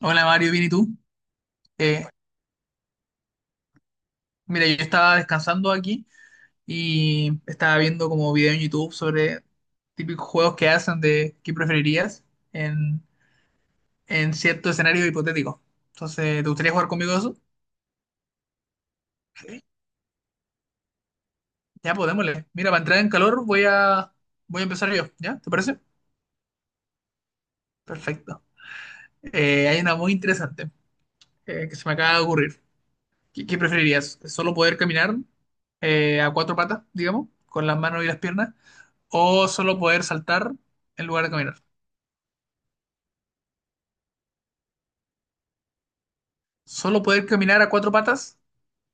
Hola Mario, bien, ¿y tú? Eh, Mira, yo estaba descansando aquí y estaba viendo como video en YouTube sobre típicos juegos que hacen de qué preferirías en, en cierto escenario hipotético. Entonces, ¿te gustaría jugar conmigo eso? Sí. Ya, pues démosle. Mira, para entrar en calor voy a empezar yo, ¿ya? ¿Te parece? Perfecto. Hay una muy interesante que se me acaba de ocurrir. ¿Qué preferirías? ¿Solo poder caminar a cuatro patas, digamos, con las manos y las piernas? ¿O solo poder saltar en lugar de caminar? Solo poder caminar a cuatro patas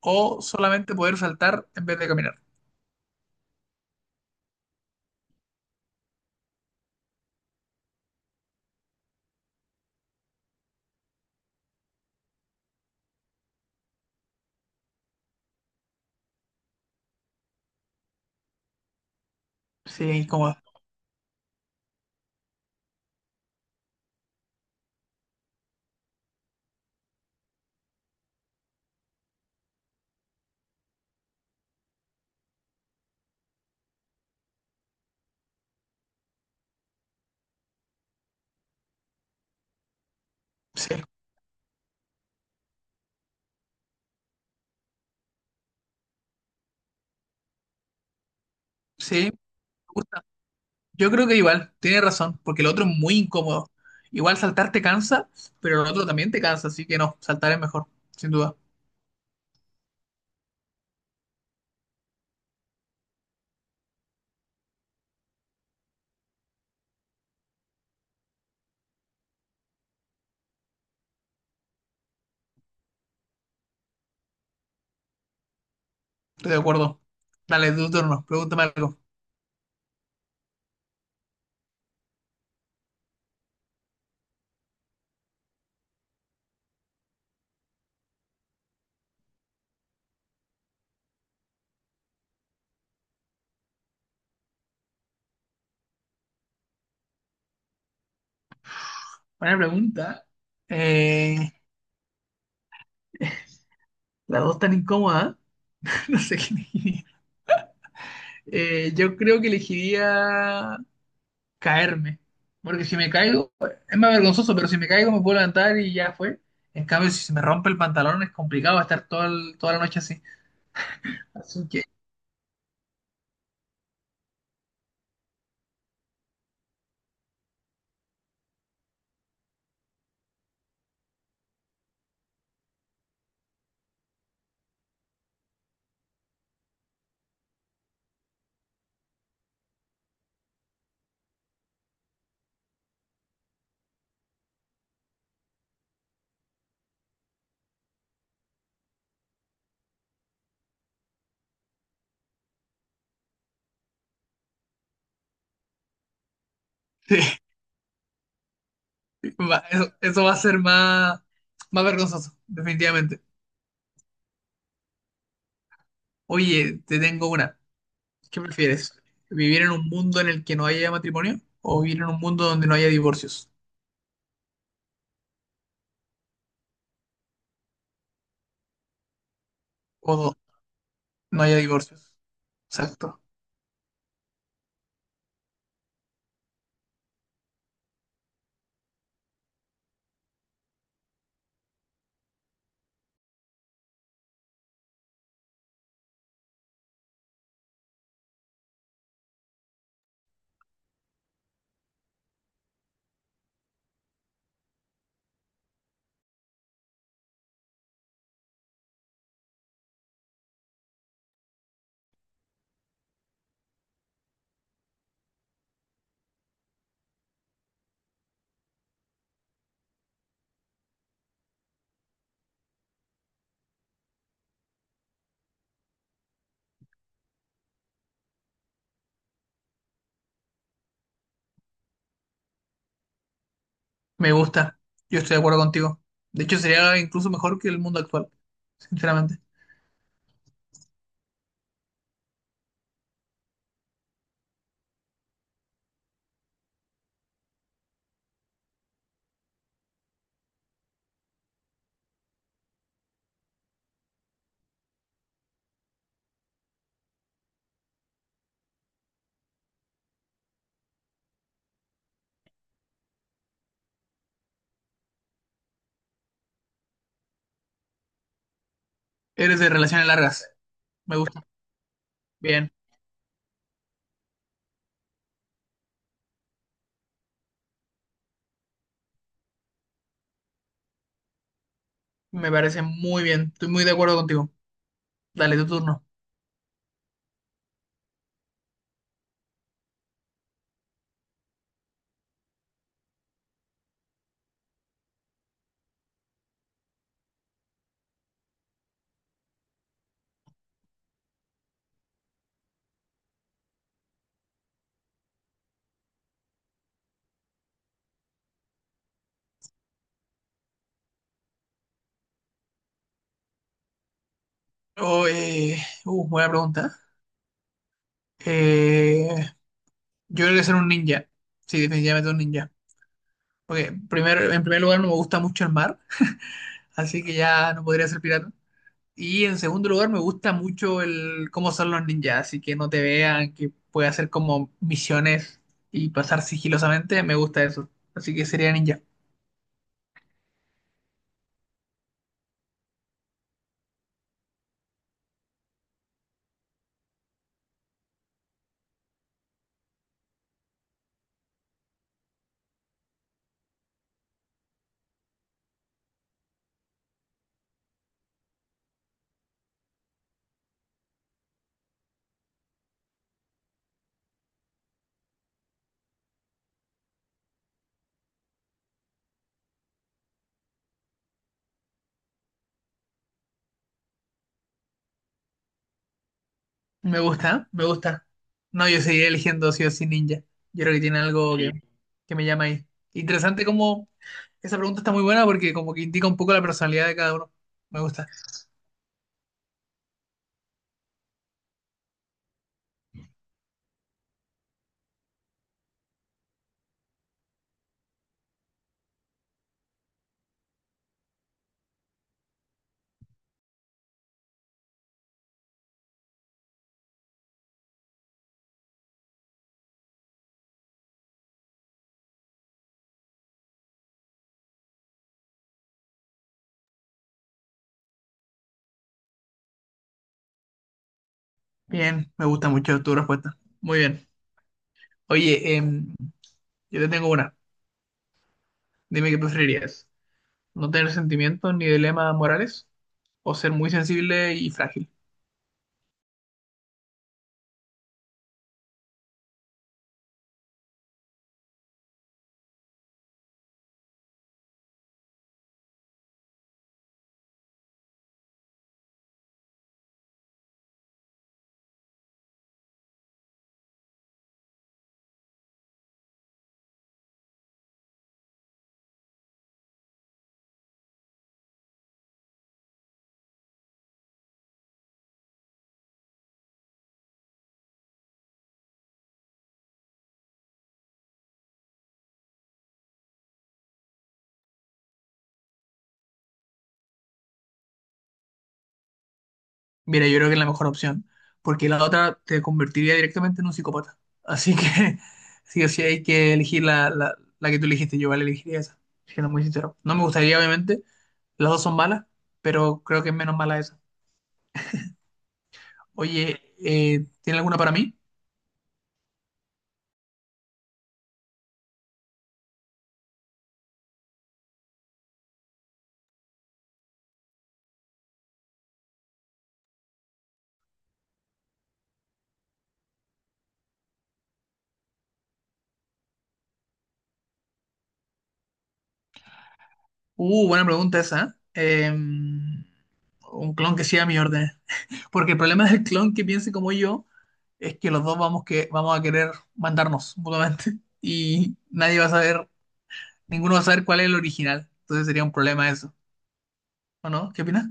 o solamente poder saltar en vez de caminar. Sí, incómodo. Sí, sí, me gusta. Yo creo que igual, tiene razón, porque el otro es muy incómodo. Igual saltar te cansa, pero el otro también te cansa, así que no, saltar es mejor, sin duda. Estoy de acuerdo. Dale, tu turno, pregúntame algo. Buena pregunta. Eh, las dos tan incómodas. No sé qué elegiría. Yo creo que elegiría caerme. Porque si me caigo, es más vergonzoso, pero si me caigo me puedo levantar y ya fue. En cambio, si se me rompe el pantalón es complicado, va a estar toda, toda la noche así. Así que sí, eso va a ser más vergonzoso, definitivamente. Oye, te tengo una. ¿Qué prefieres? ¿Vivir en un mundo en el que no haya matrimonio o vivir en un mundo donde no haya divorcios? O do- no haya divorcios. Exacto. Me gusta. Yo estoy de acuerdo contigo. De hecho, sería incluso mejor que el mundo actual, sinceramente. Eres de relaciones largas. Me gusta. Bien. Me parece muy bien. Estoy muy de acuerdo contigo. Dale, tu turno. Oh, eh, Buena pregunta. Eh, yo creo que ser un ninja. Sí, definitivamente un ninja. En primer lugar no me gusta mucho el mar, así que ya no podría ser pirata. Y en segundo lugar me gusta mucho el cómo son los ninjas, así que no te vean, que pueda hacer como misiones y pasar sigilosamente. Me gusta eso. Así que sería ninja. Me gusta, me gusta. No, yo seguiré eligiendo sí o sí ninja. Yo creo que tiene algo que, sí, que me llama ahí. Interesante como esa pregunta está muy buena porque como que indica un poco la personalidad de cada uno. Me gusta. Bien, me gusta mucho tu respuesta. Muy bien. Oye, yo te tengo una. Dime qué preferirías. ¿No tener sentimientos ni dilemas morales? ¿O ser muy sensible y frágil? Mira, yo creo que es la mejor opción, porque la otra te convertiría directamente en un psicópata. Así que sí o sí hay que elegir la que tú elegiste, yo vale elegiría esa, siendo muy sincero. No me gustaría, obviamente, las dos son malas, pero creo que es menos mala esa. Oye, ¿tiene alguna para mí? Buena pregunta esa, ¿eh? Un clon que siga mi orden. Porque el problema del clon que piense como yo es que los dos vamos a querer mandarnos mutuamente y nadie va a saber. Ninguno va a saber cuál es el original. Entonces sería un problema eso. ¿O no? ¿Qué opinas?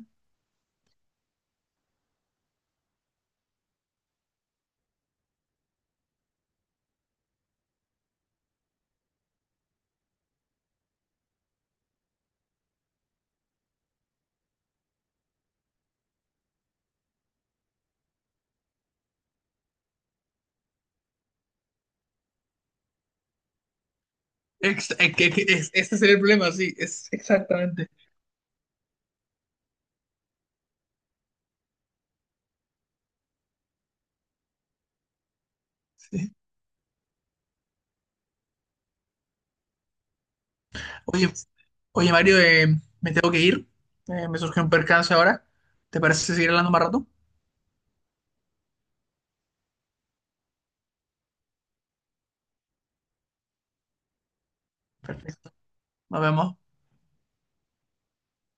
Ex- es que es- Ese sería el problema, sí. Es exactamente. Sí. Oye, oye, Mario, me tengo que ir. Me surgió un percance ahora. ¿Te parece seguir hablando más rato? Perfecto. Nos vemos.